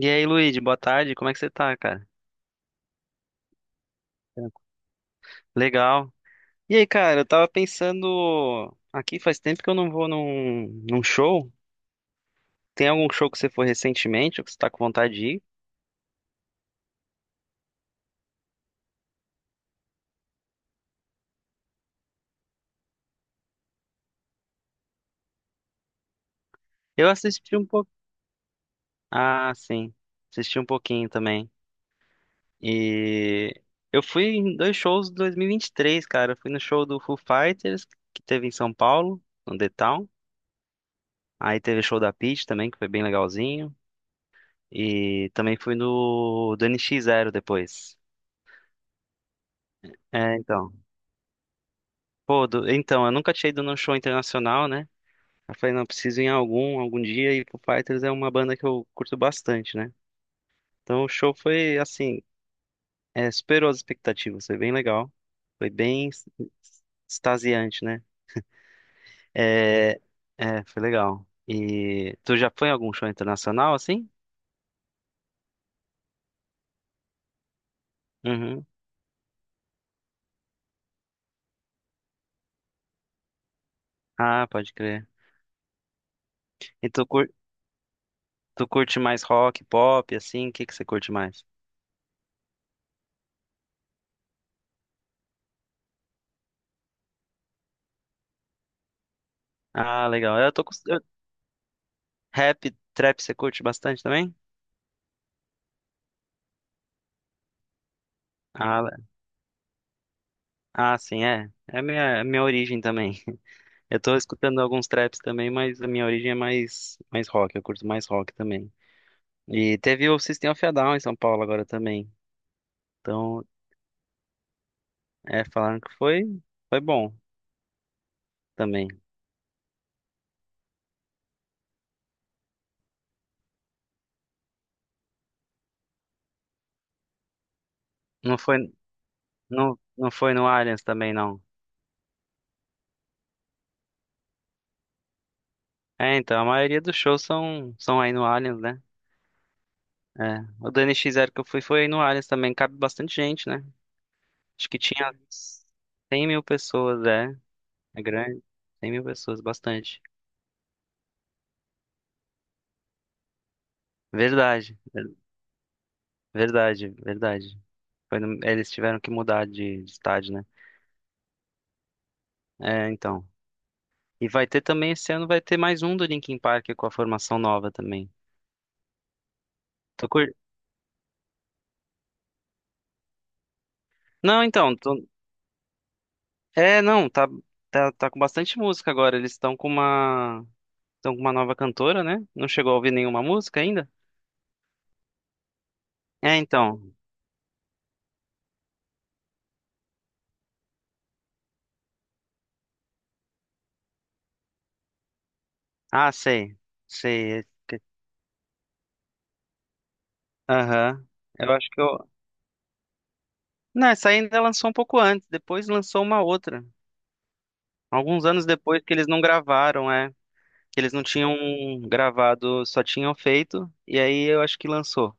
E aí, Luigi, boa tarde, como é que você tá, cara? Tranquilo. Legal. E aí, cara, eu tava pensando. Aqui faz tempo que eu não vou num show. Tem algum show que você foi recentemente ou que você tá com vontade de ir? Eu assisti um pouco. Ah, sim. Assisti um pouquinho também. E eu fui em dois shows de 2023, cara. Eu fui no show do Foo Fighters, que teve em São Paulo, no The Town. Aí teve o show da Peach também, que foi bem legalzinho. E também fui no do NX Zero depois. É, então. Pô, então, eu nunca tinha ido num show internacional, né? Eu falei, não, preciso ir em algum dia, e Foo Fighters é uma banda que eu curto bastante, né? Então o show foi, assim, superou as expectativas, foi bem legal, foi bem extasiante, né? É, é, foi legal. E tu já foi em algum show internacional, assim? Uhum. Ah, pode crer. E tu curte mais rock, pop, assim? O que que você curte mais? Ah, legal. Eu tô com... eu- Rap, trap, você curte bastante também? Ah, Ah, sim, é. É a minha origem também. Eu tô escutando alguns traps também, mas a minha origem é mais rock, eu curto mais rock também. E teve o System of a Down em São Paulo agora também. Então, falaram que foi bom também. Não foi, não, não foi no Allianz também, não. É, então, a maioria dos shows são aí no Allianz, né? É. O do N X Zero que eu fui foi aí no Allianz também, cabe bastante gente, né? Acho que tinha 100.000 pessoas, é. É grande. 100.000 pessoas, bastante. Verdade, verdade, verdade. Foi no- Eles tiveram que mudar de estádio, né? É, então. E vai ter também, esse ano vai ter mais um do Linkin Park com a formação nova também. Tô cur... Não, então, não, tá com bastante música agora. Eles estão com uma nova cantora, né? Não chegou a ouvir nenhuma música ainda? É, então. Ah, sei, sei. Aham. Eu acho que eu. Não, essa ainda lançou um pouco antes. Depois lançou uma outra. Alguns anos depois que eles não gravaram, é. Que eles não tinham gravado, só tinham feito, e aí eu acho que lançou.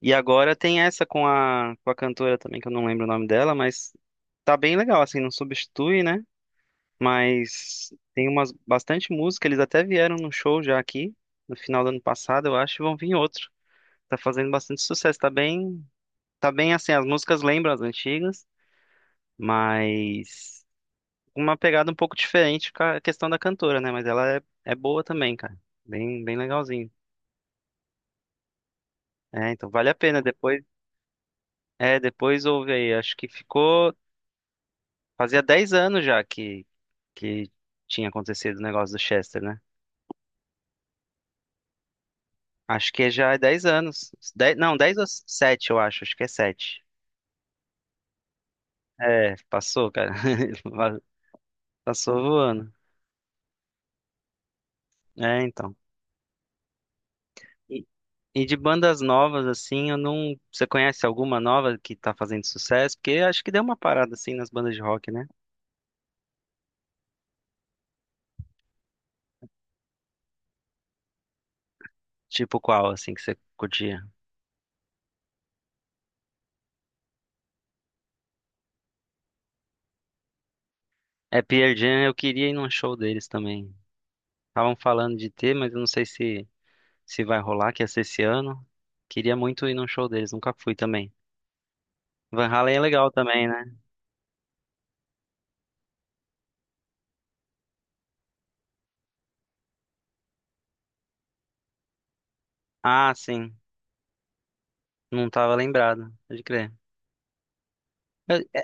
E agora tem essa com a cantora também, que eu não lembro o nome dela, mas tá bem legal, assim, não substitui, né? Mas tem umas bastante música, eles até vieram num show já aqui, no final do ano passado, eu acho, e vão vir outro. Tá fazendo bastante sucesso, tá bem assim, as músicas lembram as antigas, mas uma pegada um pouco diferente com a questão da cantora, né? Mas ela é boa também, cara, bem legalzinho. É, então vale a pena. Depois houve aí. Acho que ficou. Fazia 10 anos já que tinha acontecido o negócio do Chester, né? Acho que já é 10 anos. Não, 10 ou 7 eu acho. Acho que é 7. É, passou, cara. Passou voando. É, então. E, e de bandas novas, assim, eu não. Você conhece alguma nova que tá fazendo sucesso? Porque acho que deu uma parada, assim, nas bandas de rock, né? Tipo qual, assim, que você curtia? É, Pearl Jam, eu queria ir num show deles também. Estavam falando de ter, mas eu não sei se vai rolar, que ia ser esse ano. Queria muito ir num show deles, nunca fui também. Van Halen é legal também, né? Ah, sim. Não tava lembrado, pode crer. Eu- é,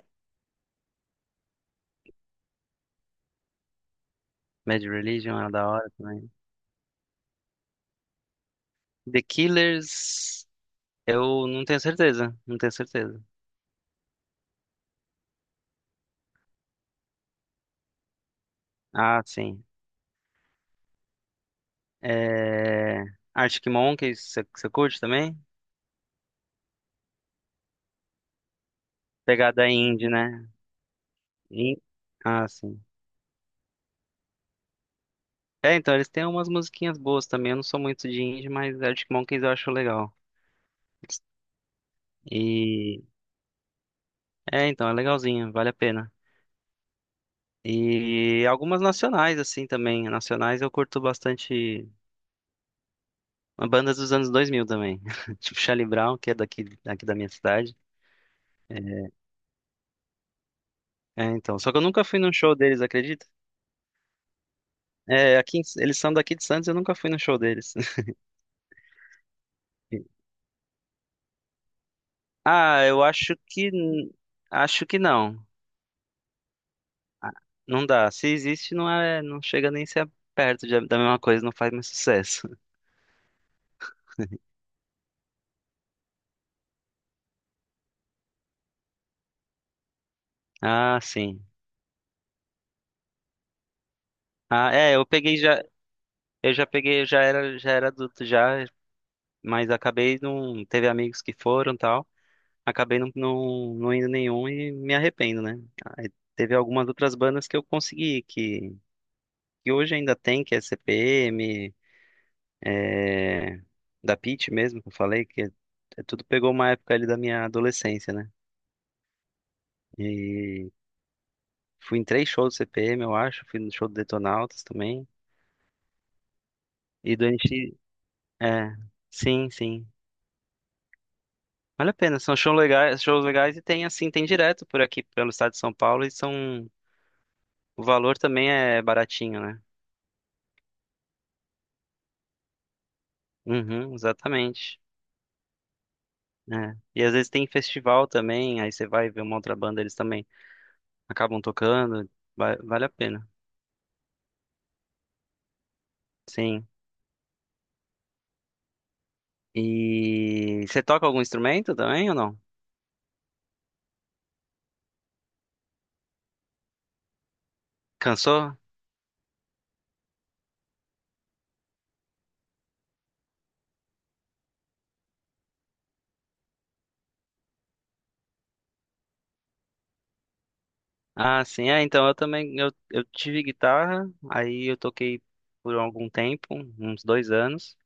Bad Religion é da hora também. The Killers, eu não tenho certeza, não tenho certeza. Ah, sim. É... Arctic Monkeys, você curte também? Pegada indie, né? In- Ah, sim. É, então, eles têm umas musiquinhas boas também. Eu não sou muito de indie, mas Arctic Monkeys eu acho legal. E então, é legalzinho, vale a pena. E algumas nacionais, assim, também. Nacionais eu curto bastante bandas dos anos 2000 também. Tipo Charlie Brown, que é daqui da minha cidade. É, então. Só que eu nunca fui num show deles, acredita? É, aqui, eles são daqui de Santos, eu nunca fui no show deles. Ah, eu acho que n- acho que não. Não dá. Se existe, não é, não chega nem a ser perto da mesma coisa, não faz mais sucesso. Ah, sim. Ah, é, Eu já peguei, já era adulto já, mas acabei não, teve amigos que foram e tal, acabei não indo nenhum e me arrependo, né? Aí teve algumas outras bandas que eu consegui, que hoje ainda tem, que é CPM, é, da Pitty mesmo, que eu falei, que é tudo pegou uma época ali da minha adolescência, né? E fui em três shows do CPM, eu acho, fui no show do Detonautas também, e do NX, é, sim, sim. Vale a pena, são shows legais e tem assim, tem direto por aqui pelo estado de São Paulo e são o valor também é baratinho, né? Uhum, exatamente. É. E às vezes tem festival também, aí você vai ver uma outra banda, eles também acabam tocando, vale a pena. Sim. E você toca algum instrumento também ou não? Cansou? Ah, sim, então eu também, eu tive guitarra, aí eu toquei por algum tempo, uns 2 anos.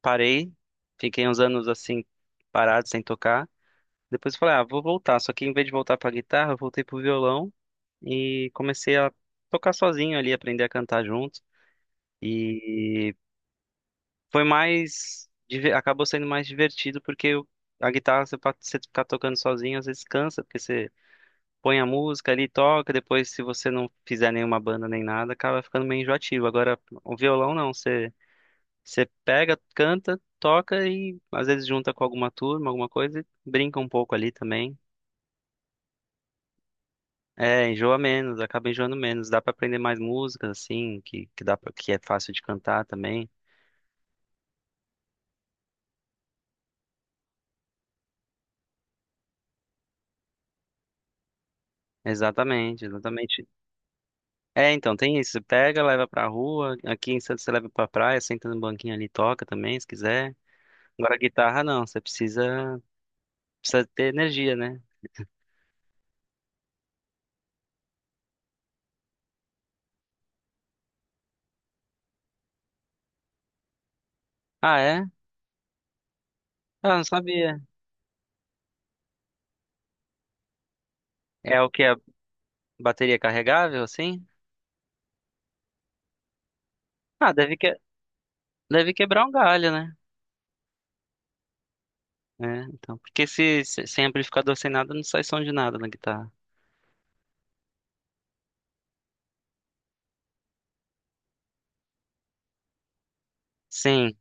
Parei, fiquei uns anos assim parado, sem tocar. Depois eu falei, ah, vou voltar. Só que em vez de voltar pra guitarra, eu voltei pro violão e comecei a tocar sozinho ali, aprender a cantar junto. E acabou sendo mais divertido porque a guitarra você, você ficar tocando sozinho às vezes cansa, porque você põe a música ali, toca, depois se você não fizer nenhuma banda nem nada, acaba ficando meio enjoativo. Agora, o violão não, você pega, canta, toca e às vezes junta com alguma turma, alguma coisa e brinca um pouco ali também. É, enjoa menos, acaba enjoando menos. Dá pra aprender mais músicas assim, que dá pra, que é fácil de cantar também. Exatamente, exatamente. É, então tem isso. Você pega, leva pra rua. Aqui em Santos você leva pra praia, senta no banquinho ali, toca também, se quiser. Agora guitarra não, você precisa ter energia, né? Ah, é? Ah, não sabia. É o que? A bateria carregável, assim? Ah, deve quebrar um galho, né? É, então, porque sem amplificador, sem nada, não sai som de nada na guitarra. Sim,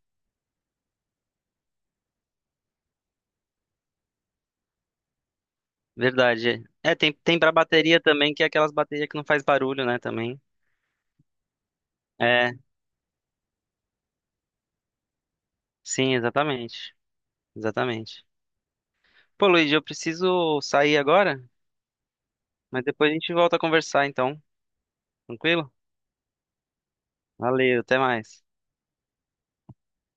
verdade. É, tem pra bateria também, que é aquelas baterias que não faz barulho, né, também. É, sim, exatamente. Exatamente. Pô, Luiz, eu preciso sair agora, mas depois a gente volta a conversar, então. Tranquilo? Valeu, até mais.